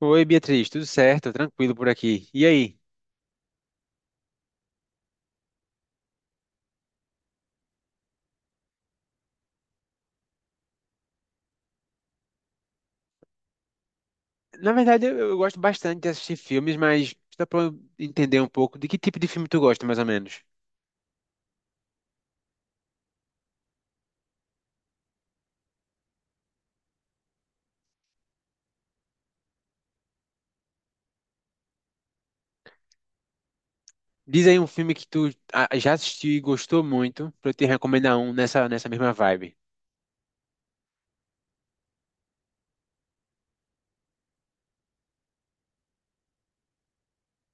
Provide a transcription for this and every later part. Oi, Beatriz, tudo certo? Tranquilo por aqui. E aí? Na verdade, eu gosto bastante de assistir filmes, mas dá pra eu entender um pouco de que tipo de filme tu gosta, mais ou menos. Diz aí um filme que tu já assistiu e gostou muito, pra eu te recomendar um nessa mesma vibe.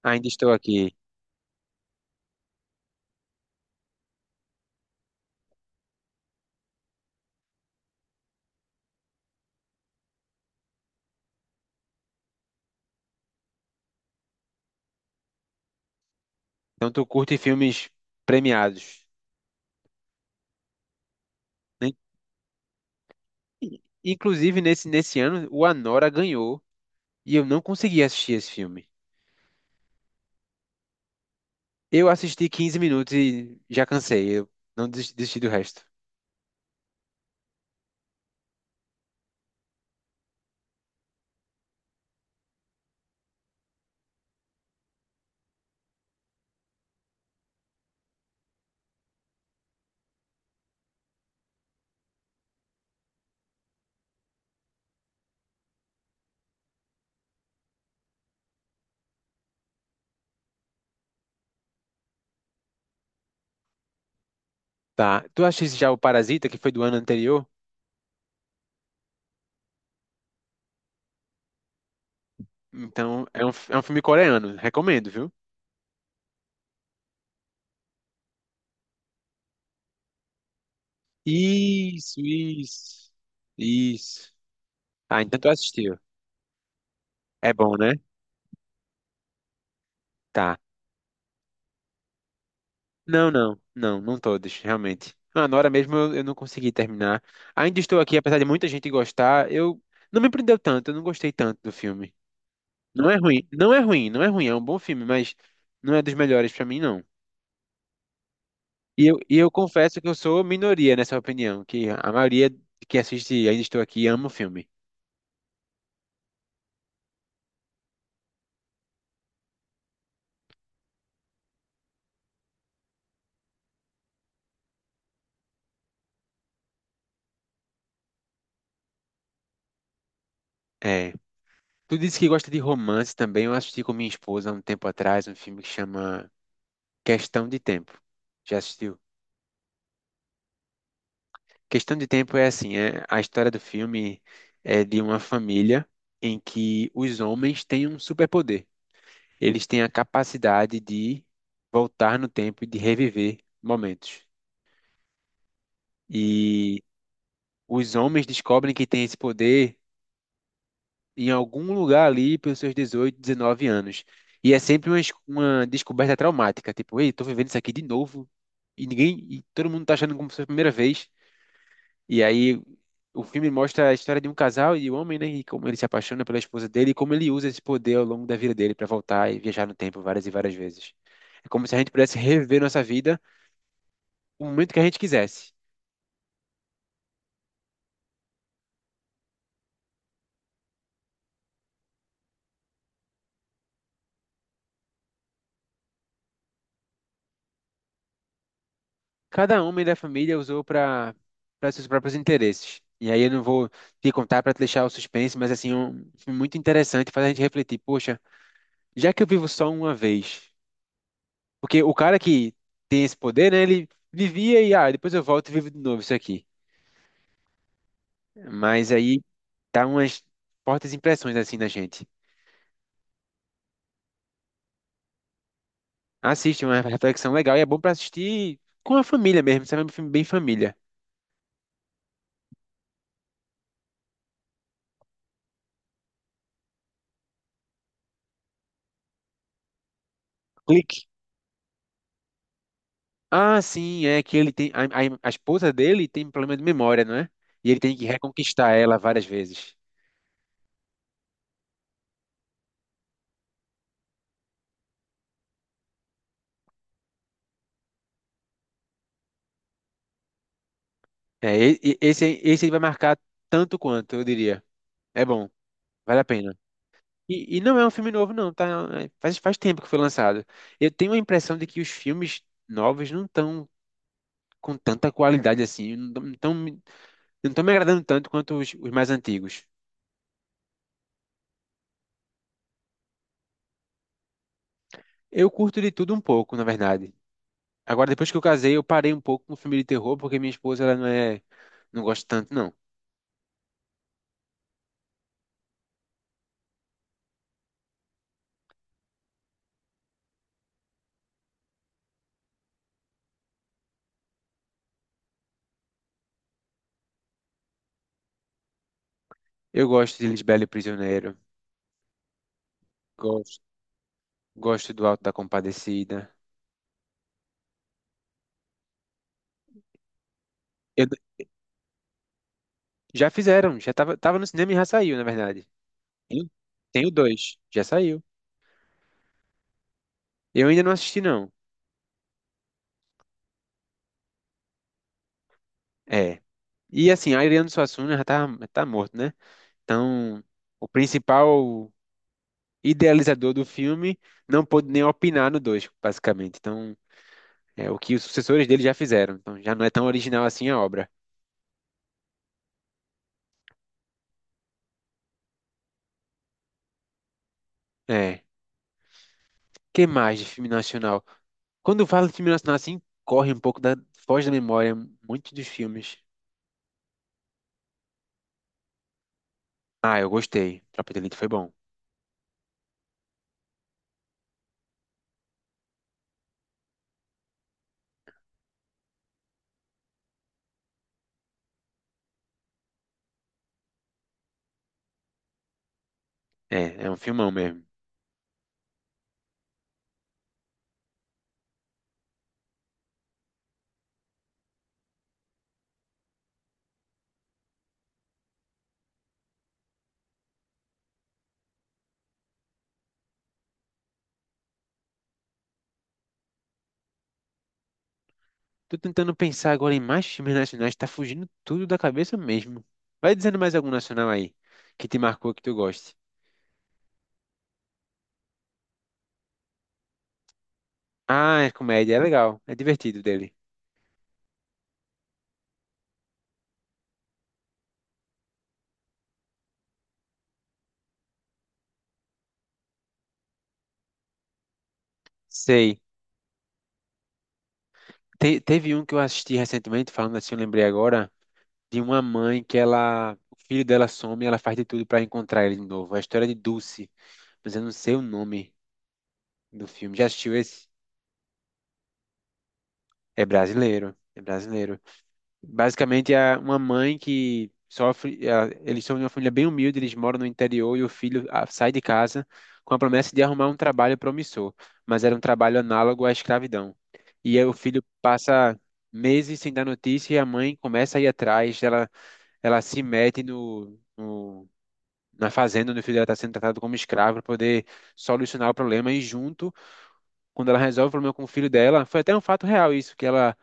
Ainda estou aqui. Então, tu curte filmes premiados. Né? Inclusive, nesse ano, o Anora ganhou e eu não consegui assistir esse filme. Eu assisti 15 minutos e já cansei. Eu não desisti do resto. Tá. Tu assiste já o Parasita, que foi do ano anterior? Então, é um filme coreano. Recomendo, viu? Isso, isso. Isso. Ah, então tu assistiu. É bom, né? Tá. Não, não, não, não todos, realmente. Ah, na hora mesmo eu não consegui terminar. Ainda estou aqui, apesar de muita gente gostar, eu não me prendeu tanto, eu não gostei tanto do filme. Não é ruim, não é ruim, não é ruim, é um bom filme, mas não é dos melhores pra mim, não. E eu confesso que eu sou minoria nessa opinião, que a maioria que assiste Ainda Estou Aqui ama o filme. É. Tu disse que gosta de romance também. Eu assisti com minha esposa há um tempo atrás um filme que chama Questão de Tempo. Já assistiu? Questão de Tempo é assim, é a história do filme é de uma família em que os homens têm um superpoder. Eles têm a capacidade de voltar no tempo e de reviver momentos. E os homens descobrem que têm esse poder em algum lugar ali pelos seus 18, 19 anos. E é sempre uma descoberta traumática, tipo, ei, tô vivendo isso aqui de novo, e ninguém, e todo mundo tá achando como se fosse a primeira vez. E aí o filme mostra a história de um casal e o homem, né, e como ele se apaixona pela esposa dele e como ele usa esse poder ao longo da vida dele para voltar e viajar no tempo várias e várias vezes. É como se a gente pudesse reviver nossa vida no momento que a gente quisesse. Cada homem da família usou para seus próprios interesses. E aí eu não vou te contar para te deixar o suspense, mas assim, um filme muito interessante, faz a gente refletir, poxa, já que eu vivo só uma vez, porque o cara que tem esse poder, né, ele vivia e depois eu volto e vivo de novo isso aqui. Mas aí dá umas fortes impressões assim na gente. Assiste, é uma reflexão legal e é bom para assistir com a família mesmo, sabe? É um filme bem família. Clique. Ah, sim, é que ele tem. A esposa dele tem problema de memória, não é? E ele tem que reconquistar ela várias vezes. É, esse vai marcar tanto quanto, eu diria. É bom, vale a pena. E não é um filme novo, não, tá? É, faz tempo que foi lançado. Eu tenho a impressão de que os filmes novos não estão com tanta qualidade assim, não tão me agradando tanto quanto os mais antigos. Eu curto de tudo um pouco, na verdade. Agora, depois que eu casei, eu parei um pouco com filme de terror, porque minha esposa, ela não é, não gosta tanto, não. Eu gosto de Lisbela e o Prisioneiro, gosto, gosto do Alto da Compadecida. Eu- Já fizeram, tava no cinema e já saiu, na verdade. Tem Tem o dois, já saiu. Eu ainda não assisti, não. É. E assim, Ariano Suassuna tá morto, né? Então, o principal idealizador do filme não pôde nem opinar no dois, basicamente. Então, é o que os sucessores dele já fizeram. Então, já não é tão original assim a obra. É. Que mais de filme nacional? Quando eu falo de filme nacional, assim, corre um pouco da, foge da memória muitos dos filmes. Ah, eu gostei. Tropa de Elite foi bom. É, é um filmão mesmo. Tô tentando pensar agora em mais filmes nacionais, tá fugindo tudo da cabeça mesmo. Vai dizendo mais algum nacional aí, que te marcou, que tu goste. Ah, é comédia, é legal, é divertido dele. Sei. Teve um que eu assisti recentemente, falando assim, eu lembrei agora, de uma mãe que ela, o filho dela some e ela faz de tudo pra encontrar ele de novo. A história de Dulce, mas eu não sei o nome do filme. Já assistiu esse? É brasileiro, é brasileiro. Basicamente é uma mãe que sofre, eles são de uma família bem humilde, eles moram no interior e o filho sai de casa com a promessa de arrumar um trabalho promissor, mas era um trabalho análogo à escravidão. E aí o filho passa meses sem dar notícia e a mãe começa a ir atrás, ela se mete no, no na fazenda onde o filho dela está sendo tratado como escravo para poder solucionar o problema e junto, quando ela resolve o problema com o filho dela, foi até um fato real isso, que ela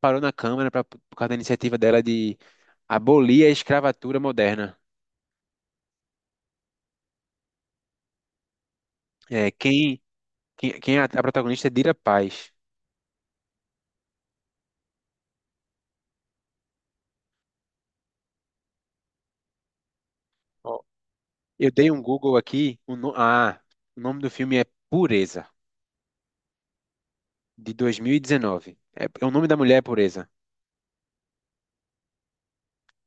parou na Câmara pra, por causa da iniciativa dela de abolir a escravatura moderna. É, quem é a protagonista é Dira Paz. Ó, eu dei um Google aqui, o, no- ah, o nome do filme é Pureza, de 2019. É, o nome da mulher é Pureza.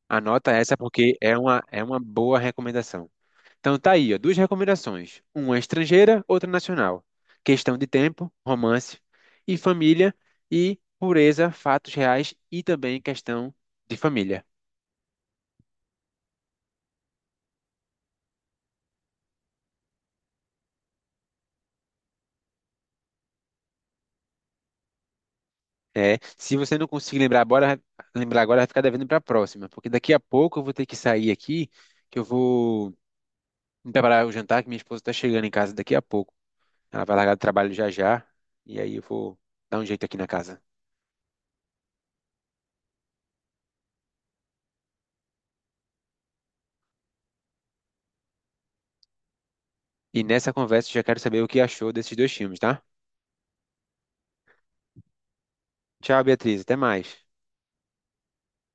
Anota essa porque é uma boa recomendação. Então tá aí, ó, duas recomendações. Uma estrangeira, outra nacional. Questão de tempo, romance e família e pureza, fatos reais e também questão de família. É, se você não conseguir lembrar agora vai ficar devendo para a próxima, porque daqui a pouco eu vou ter que sair aqui, que eu vou me preparar o jantar, que minha esposa está chegando em casa daqui a pouco. Ela vai largar do trabalho já já, e aí eu vou dar um jeito aqui na casa. E nessa conversa eu já quero saber o que achou desses dois filmes, tá? Tchau, Beatriz, até mais.